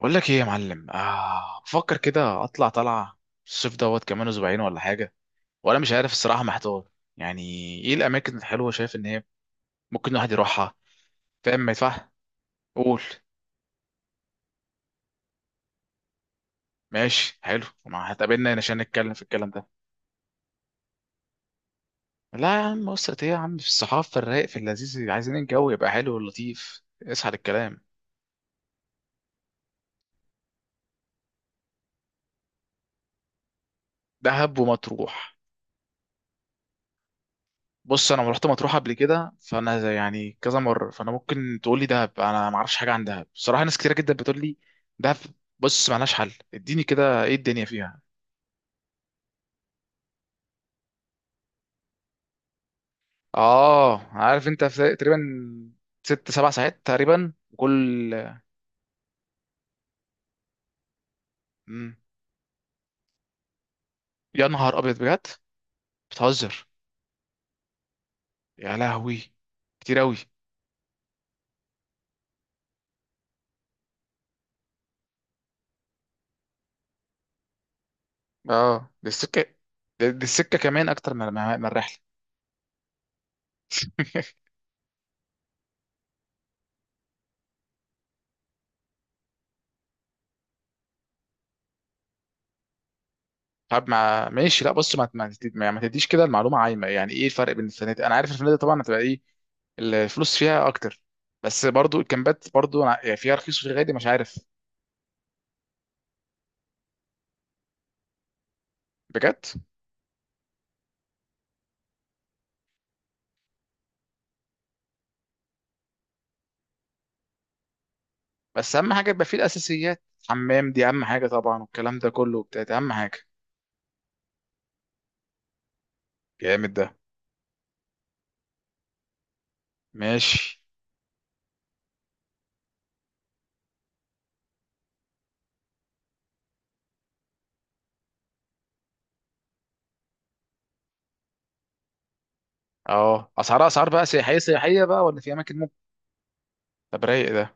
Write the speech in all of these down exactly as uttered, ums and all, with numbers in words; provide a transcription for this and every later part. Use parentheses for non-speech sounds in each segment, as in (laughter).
بقول لك ايه يا معلم؟ آه بفكر كده اطلع طلعه الصيف دوت كمان اسبوعين ولا حاجه. وانا مش عارف الصراحه، محتار يعني. ايه الاماكن الحلوه شايف ان هي ممكن الواحد يروحها؟ فاهم ما يدفع. قول. ماشي، حلو، ما هتقابلنا هنا عشان نتكلم في الكلام ده. لا يا عم، اسرة ايه يا عم، في الصحافه، في الرايق، في اللذيذ، عايزين الجو يبقى حلو ولطيف، اسحل الكلام. دهب ومطروح؟ بص انا رحت مطروح قبل كده، فانا زي- يعني كذا مره، فانا ممكن تقول لي دهب، انا ما اعرفش حاجه عن دهب بصراحه. ناس كتيره جدا بتقول لي دهب. بص، مالهاش حل، اديني كده ايه الدنيا فيها. اه عارف انت في تقريبا ست سبع ساعات تقريبا كل. مم. يا نهار ابيض بجد! بتهزر! يا لهوي! كتير اوي. اه دي السكه، دي دي السكه كمان اكتر من من من الرحله. (laughs) طب ما ماشي. لا بص، ما ما تدي- ما يعني ما تديش كده المعلومه عايمه. يعني ايه الفرق بين الفنادق؟ انا عارف الفنادق طبعا هتبقى ايه، الفلوس فيها اكتر، بس برضو الكامبات برضو ع- يعني فيها رخيص وفيها غالي، مش عارف. بجد؟ بس اهم حاجه يبقى فيه الاساسيات. حمام دي اهم حاجه طبعا، والكلام ده كله بتاعت اهم حاجه. جامد ده. ماشي. اه اسعارها اسعار بقى سياحيه سياحيه بقى، ولا في اماكن ممكن؟ طب رايق ده.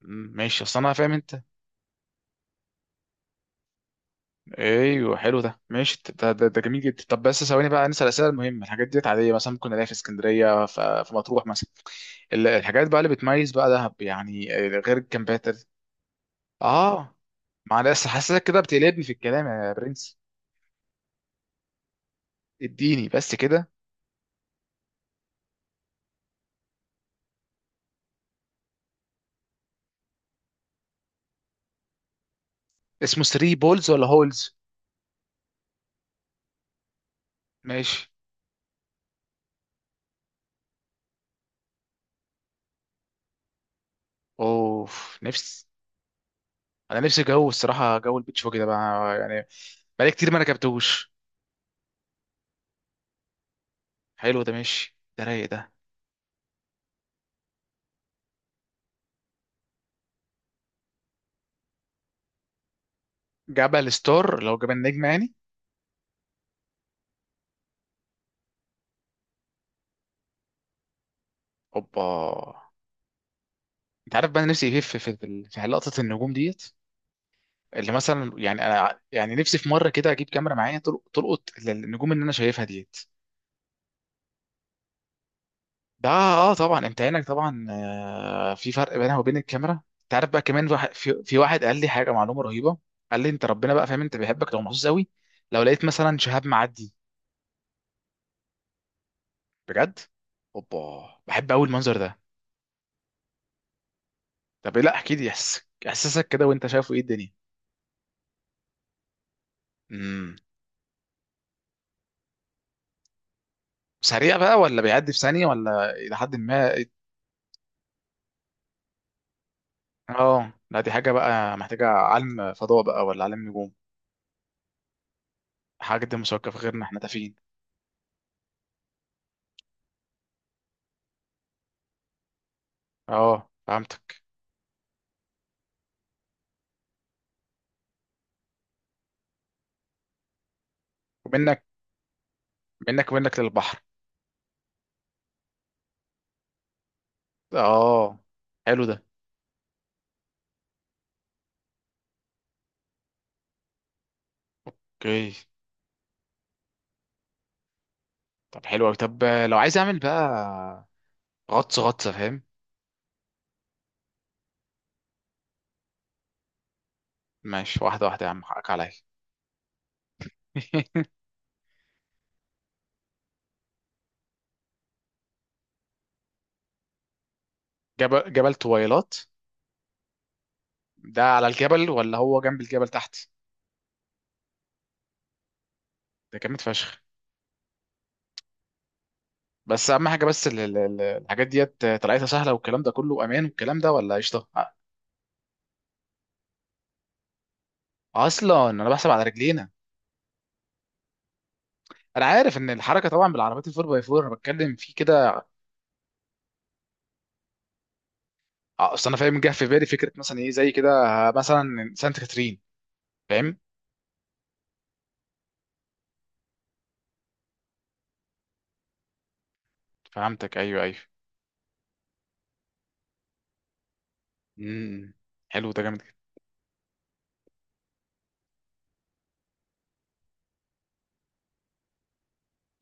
مم، ماشي، اصل انا فاهم انت. ايوه، حلو ده، ماشي ده, ده, ده جميل جدا. طب بس ثواني بقى، نسال الاسئله المهمه. الحاجات ديت عاديه مثلا ممكن الاقيها في اسكندريه ف- في مطروح مثلا. ال- الحاجات بقى اللي بتميز بقى دهب يعني آه، غير الكامبات ال- اه معلش، حاسسك كده بتقلبني في الكلام يا برنس. اديني بس كده. اسمه ثري بولز ولا هولز؟ ماشي. اوف، نفسي! انا نفسي جو الصراحه، جو البيتش باجي ده بقى يعني. بقالي كتير ما ركبتهوش. حلو ده، ماشي ده، رايق ده. جبل ستار لو جبل نجم يعني. اوبا! انت عارف بقى انا نفسي ايه في في في في لقطه النجوم ديت، اللي مثلا يعني انا يعني نفسي في مره كده اجيب كاميرا معايا تل- تلقط النجوم اللي انا شايفها ديت. ده اه، آه، طبعا انت عينك طبعا، آه، في فرق بينها وبين الكاميرا. انت عارف بقى كمان واحد، في, في واحد قال لي حاجه معلومه رهيبه. قال لي انت ربنا بقى فاهم، انت بيحبك لو محظوظ قوي لو لقيت مثلا شهاب معدي. بجد؟ اوبا، بحب قوي المنظر ده. طب ايه، لا احكي لي احساسك، احساسك كده وانت شايفه ايه الدنية. امم. سريع بقى ولا بيعدي في ثانيه ولا الى حد ما؟ اه لا، دي حاجة بقى محتاجة علم فضاء بقى ولا علم نجوم. حاجة دي مثقفة، غيرنا احنا تافهين. اه فهمتك. ومنك، منك منك للبحر. اه، حلو ده. اوكي. طب حلو أوي. طب لو عايز اعمل بقى غطس، غطسة فاهم. ماشي، واحدة واحدة يا عم، حقك عليا. (laughs) جبل جبل طويلات ده على الجبل ولا هو جنب الجبل تحت؟ ده جامد فشخ. بس اهم حاجة بس ال- ال- ال- الحاجات ديت طلعتها سهلة، والكلام ده كله امان والكلام ده، ولا قشطة أ- اصلا انا بحسب على رجلينا. انا عارف ان الحركه طبعا بالعربيات الفور باي فور، انا بتكلم في كده. آه، اصل انا فاهم، جه في بالي فكره مثلا ايه زي كده، آه، مثلا سانت كاترين، فاهم. فهمتك، ايوه ايوه. امم. حلو ده، جامد جدا.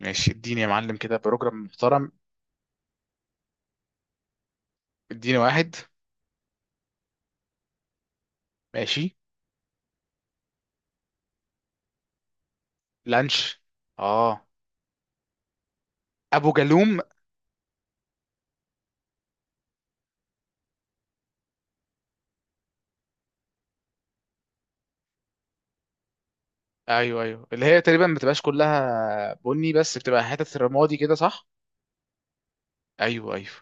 ماشي، اديني يا معلم كده بروجرام محترم. اديني واحد. ماشي. لانش. اه. ابو جالوم. ايوه ايوه، اللي هي تقريبا ما بتبقاش كلها بني، بس بتبقى حتت رمادي كده، صح؟ ايوه ايوه.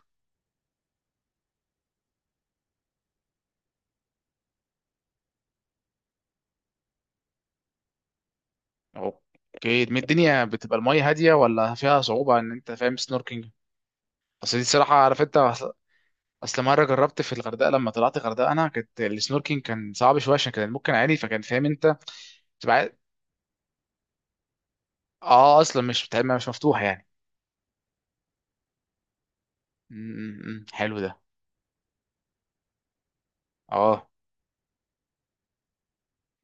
اوكي، دي الدنيا بتبقى الميه هاديه ولا فيها صعوبه ان انت فاهم سنوركينج؟ اصل دي الصراحه عارف انت، اصل مره جربت في الغردقه، لما طلعت الغردقه انا كانت السنوركينج كان صعب شويه عشان كان ممكن عالي، فكان فاهم انت. تبقى عايز- اه اصلا مش بتاع- مش مفتوح يعني. امم، حلو ده. اه.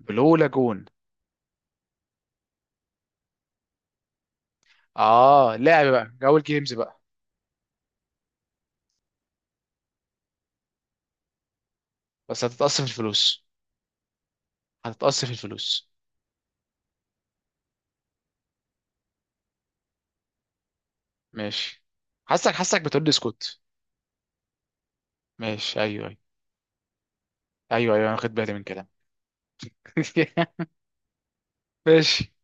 بلو لاجون. اه، لعب بقى جو الجيمز بقى. بس هتتقص في الفلوس. هتتقص في الفلوس. ماشي. حاسك، حاسك بتقول لي اسكت. ماشي، ايوه ايوه. ايوه ايوه، انا واخد بالي من كلامك. (laughs) ماشي.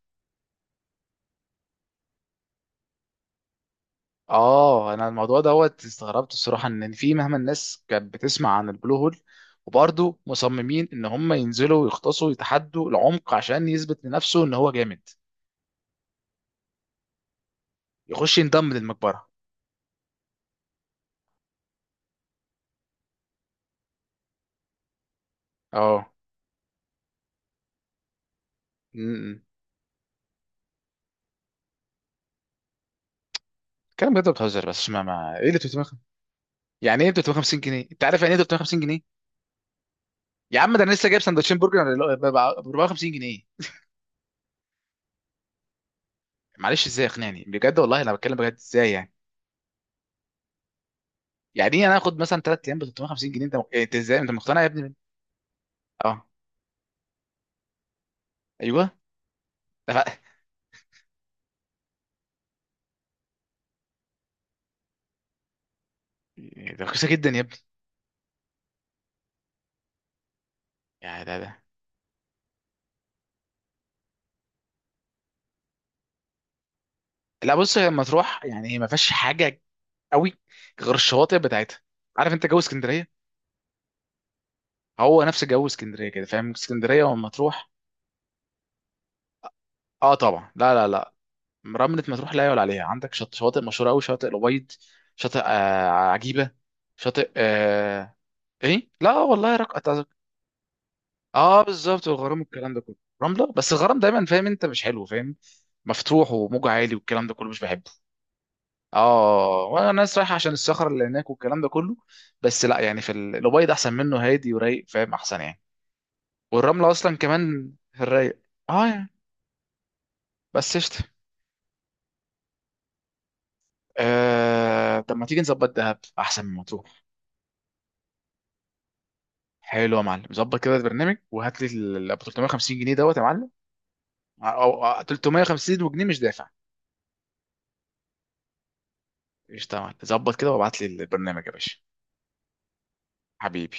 اه انا الموضوع دوت استغربت الصراحه، ان في مهما الناس كانت بتسمع عن البلو هول، وبرضه مصممين ان هم ينزلوا ويغطسوا ويتحدوا العمق عشان يثبت لنفسه ان هو جامد، يخش ينضم للمقبره. اه. امم. كلام بجد؟ بتهزر! بس ما, ما ايه اللي تلتمية وخمسين؟ يعني ايه تلتمية وخمسين جنيه؟ انت عارف يعني ايه تلتمية وخمسين جنيه؟ يا عم ده انا لسه جايب سندوتشين برجر ب اربعمية وخمسين جنيه! معلش، ازاي اقنعني بجد، والله انا بتكلم بجد، ازاي يعني؟ يعني ايه انا اخد مثلا ثلاثة ايام ب تلتمية وخمسين جنيه، انت انت ازاي انت مقتنع يا ابني؟ اه. ايوه. يعني ده رخيصه جدا يا ابني. يعني ده ده لا، بص لما تروح، يعني هي ما فيهاش حاجه قوي غير الشواطئ بتاعتها. عارف انت جو اسكندريه؟ هو نفس جو اسكندريه كده، فاهم اسكندريه وما تروح. اه طبعا. لا لا لا، رمله ما تروح لا يعلى عليها. عندك شط شواطئ مشهوره قوي، شاطئ الابيض، شاطئ آه عجيبه، شاطئ آه ايه، لا والله رق... أتعرف- اه بالظبط، والغرام والكلام ده كله. رمله، بس الغرام دايما فاهم انت مش حلو، فاهم، مفتوح وموج عالي والكلام ده كله، مش بحبه. اه وانا الناس رايحه عشان الصخر اللي هناك والكلام ده كله، بس لا يعني في ال- الابيض احسن منه، هادي ورايق، فاهم، احسن يعني. والرمله اصلا كمان في الرايق. اه يعني. بس قشطه. آه، طب ما تيجي نظبط دهب احسن من مطروح. حلو يا معلم، ظبط كده البرنامج، وهات لي ال ال- تلتمية وخمسين جنيه دوت يا معلم. او أو- تلتمية وخمسين جنيه مش دافع. قشطه يا معلم، ظبط كده وابعت لي البرنامج يا باشا. حبيبي.